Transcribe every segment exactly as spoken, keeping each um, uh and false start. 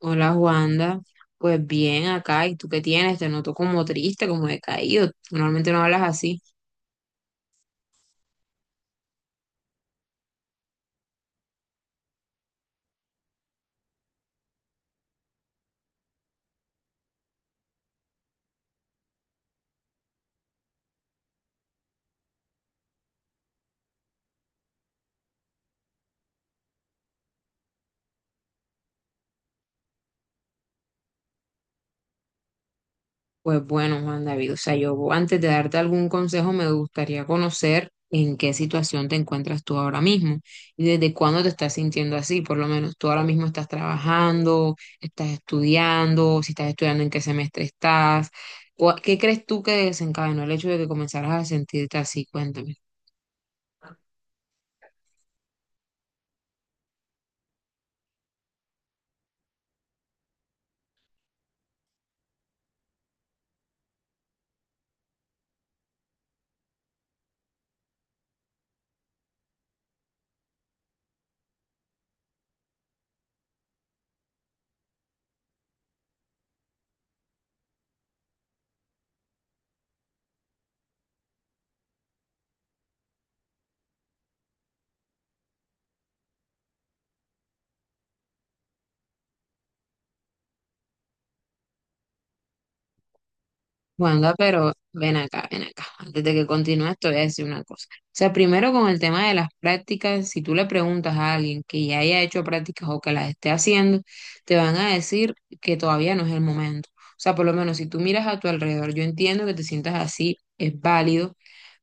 Hola Wanda, pues bien acá, ¿y tú qué tienes? Te noto como triste, como decaído, normalmente no hablas así. Pues bueno, Juan David, o sea, yo antes de darte algún consejo me gustaría conocer en qué situación te encuentras tú ahora mismo y desde cuándo te estás sintiendo así, por lo menos tú ahora mismo estás trabajando, estás estudiando, si estás estudiando en qué semestre estás. ¿Cuál- ¿qué crees tú que desencadenó el hecho de que comenzaras a sentirte así? Cuéntame. Wanda, pero ven acá, ven acá. Antes de que continúes, te voy a decir una cosa. O sea, primero con el tema de las prácticas, si tú le preguntas a alguien que ya haya hecho prácticas o que las esté haciendo, te van a decir que todavía no es el momento. O sea, por lo menos si tú miras a tu alrededor, yo entiendo que te sientas así, es válido,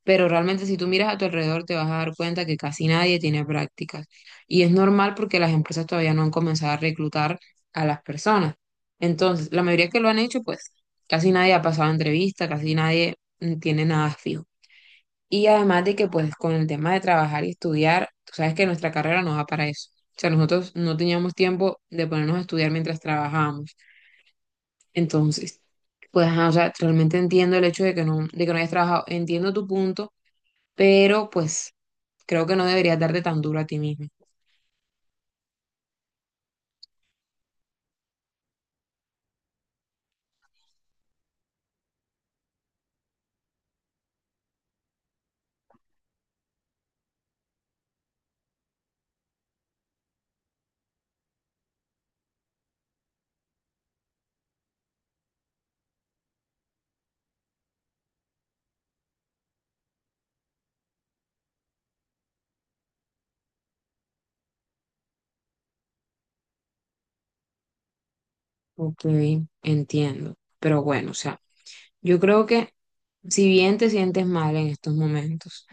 pero realmente si tú miras a tu alrededor te vas a dar cuenta que casi nadie tiene prácticas. Y es normal porque las empresas todavía no han comenzado a reclutar a las personas. Entonces, la mayoría que lo han hecho, pues casi nadie ha pasado entrevista, casi nadie mm, tiene nada fijo. Y además de que pues con el tema de trabajar y estudiar, tú sabes que nuestra carrera nos da para eso. O sea, nosotros no teníamos tiempo de ponernos a estudiar mientras trabajábamos. Entonces, pues, ajá, o sea, realmente entiendo el hecho de que no, de que no hayas trabajado, entiendo tu punto, pero pues creo que no deberías darte tan duro a ti mismo. Ok, entiendo. Pero bueno, o sea, yo creo que si bien te sientes mal en estos momentos,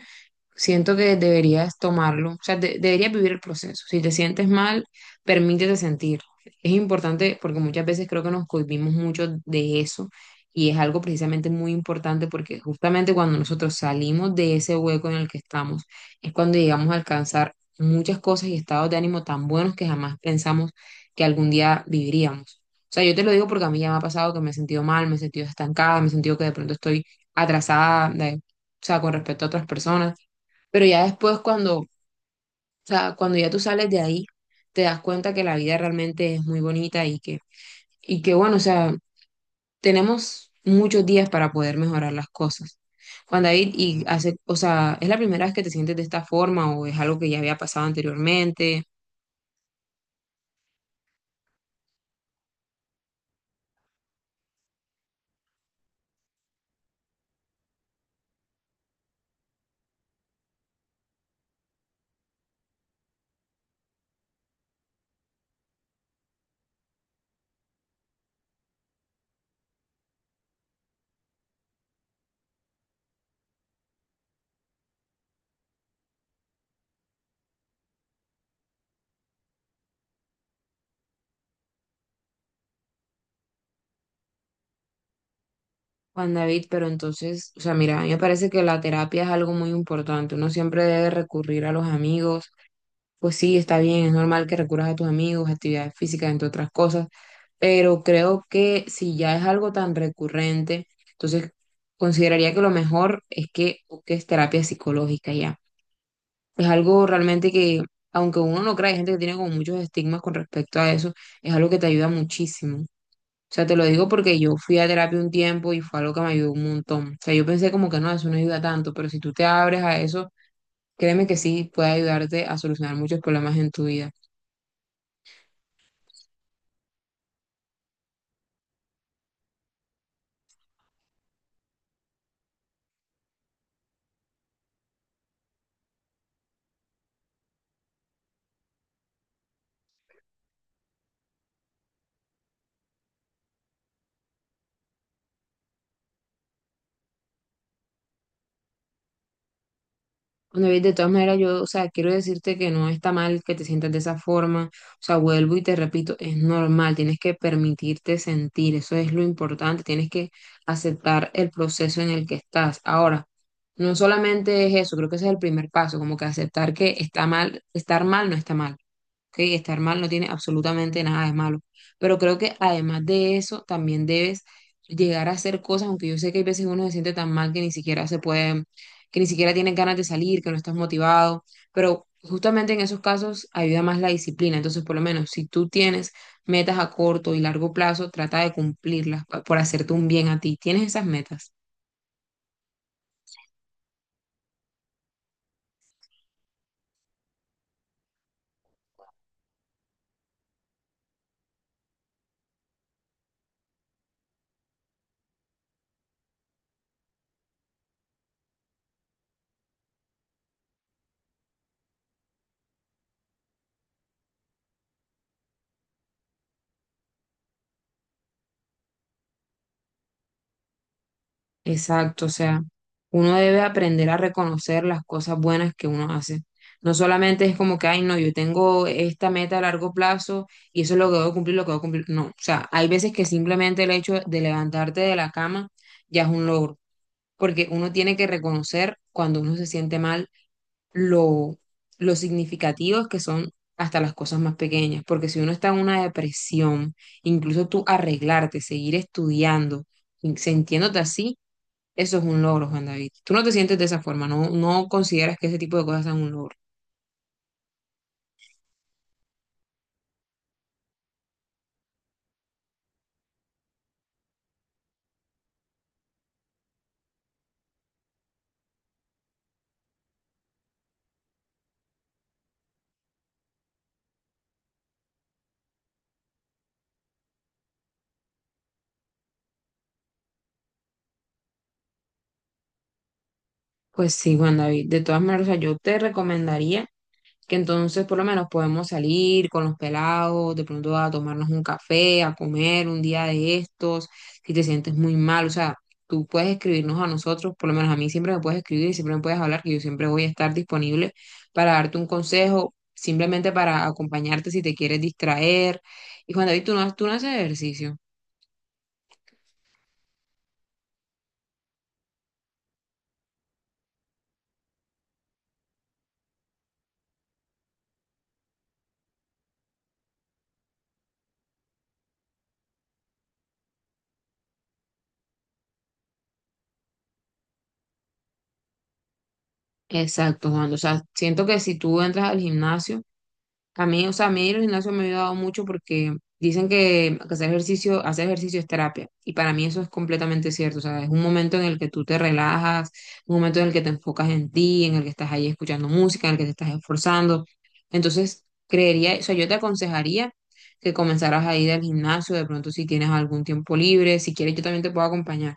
siento que deberías tomarlo, o sea, de- deberías vivir el proceso. Si te sientes mal, permítete sentirlo. Es importante porque muchas veces creo que nos cohibimos mucho de eso y es algo precisamente muy importante porque justamente cuando nosotros salimos de ese hueco en el que estamos es cuando llegamos a alcanzar muchas cosas y estados de ánimo tan buenos que jamás pensamos que algún día viviríamos. O sea, yo te lo digo porque a mí ya me ha pasado que me he sentido mal, me he sentido estancada, me he sentido que de pronto estoy atrasada, de- o sea, con respecto a otras personas, pero ya después cuando, o sea, cuando ya tú sales de ahí, te das cuenta que la vida realmente es muy bonita y que, y que bueno, o sea, tenemos muchos días para poder mejorar las cosas. Juan David, y hace, o sea, ¿es la primera vez que te sientes de esta forma o es algo que ya había pasado anteriormente? Juan David, pero entonces, o sea, mira, a mí me parece que la terapia es algo muy importante. Uno siempre debe recurrir a los amigos, pues sí, está bien, es normal que recurras a tus amigos, actividades físicas, entre otras cosas, pero creo que si ya es algo tan recurrente, entonces consideraría que lo mejor es que busques terapia psicológica ya. Es algo realmente que, aunque uno no crea, hay gente que tiene como muchos estigmas con respecto a eso, es algo que te ayuda muchísimo. O sea, te lo digo porque yo fui a terapia un tiempo y fue algo que me ayudó un montón. O sea, yo pensé como que no, eso no ayuda tanto, pero si tú te abres a eso, créeme que sí puede ayudarte a solucionar muchos problemas en tu vida. Bueno, y de todas maneras, yo, o sea, quiero decirte que no está mal que te sientas de esa forma. O sea, vuelvo y te repito, es normal, tienes que permitirte sentir, eso es lo importante, tienes que aceptar el proceso en el que estás. Ahora, no solamente es eso, creo que ese es el primer paso, como que aceptar que está mal, estar mal no está mal. Ok, estar mal no tiene absolutamente nada de malo, pero creo que además de eso también debes llegar a hacer cosas, aunque yo sé que hay veces uno se siente tan mal que ni siquiera se puede, que ni siquiera tiene ganas de salir, que no estás motivado, pero justamente en esos casos ayuda más la disciplina, entonces por lo menos si tú tienes metas a corto y largo plazo, trata de cumplirlas pa- por hacerte un bien a ti, ¿tienes esas metas? Exacto, o sea, uno debe aprender a reconocer las cosas buenas que uno hace. No solamente es como que, ay, no, yo tengo esta meta a largo plazo y eso es lo que debo cumplir, lo que debo cumplir. No, o sea, hay veces que simplemente el hecho de levantarte de la cama ya es un logro, porque uno tiene que reconocer cuando uno se siente mal lo, lo significativos que son hasta las cosas más pequeñas, porque si uno está en una depresión, incluso tú arreglarte, seguir estudiando, sintiéndote así, eso es un logro, Juan David. Tú no te sientes de esa forma, no, no consideras que ese tipo de cosas sean un logro. Pues sí, Juan David. De todas maneras, o sea, yo te recomendaría que entonces por lo menos podemos salir con los pelados, de pronto a tomarnos un café, a comer un día de estos, si te sientes muy mal, o sea, tú puedes escribirnos a nosotros, por lo menos a mí siempre me puedes escribir y siempre me puedes hablar, que yo siempre voy a estar disponible para darte un consejo, simplemente para acompañarte si te quieres distraer. Y Juan David, tú no, tú no haces ejercicio. Exacto, Juan. O sea, siento que si tú entras al gimnasio, a mí, o sea, a mí el gimnasio me ha ayudado mucho porque dicen que que hacer ejercicio, hacer ejercicio es terapia. Y para mí eso es completamente cierto. O sea, es un momento en el que tú te relajas, un momento en el que te enfocas en ti, en el que estás ahí escuchando música, en el que te estás esforzando. Entonces, creería, o sea, yo te aconsejaría que comenzaras a ir al gimnasio, de pronto si tienes algún tiempo libre, si quieres, yo también te puedo acompañar.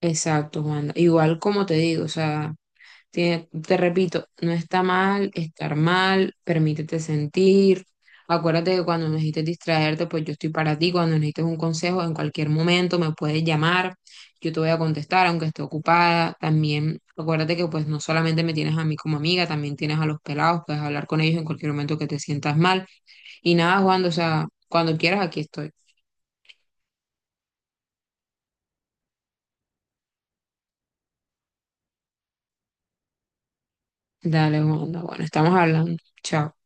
Exacto, Juan. Igual como te digo, o sea. Tiene- te repito, no está mal estar mal, permítete sentir. Acuérdate que cuando necesites distraerte, pues yo estoy para ti. Cuando necesites un consejo, en cualquier momento me puedes llamar. Yo te voy a contestar, aunque esté ocupada. También acuérdate que pues no solamente me tienes a mí como amiga, también tienes a los pelados. Puedes hablar con ellos en cualquier momento que te sientas mal. Y nada, Juan, o sea, cuando quieras, aquí estoy. Dale, Juan, bueno, estamos hablando. Chao.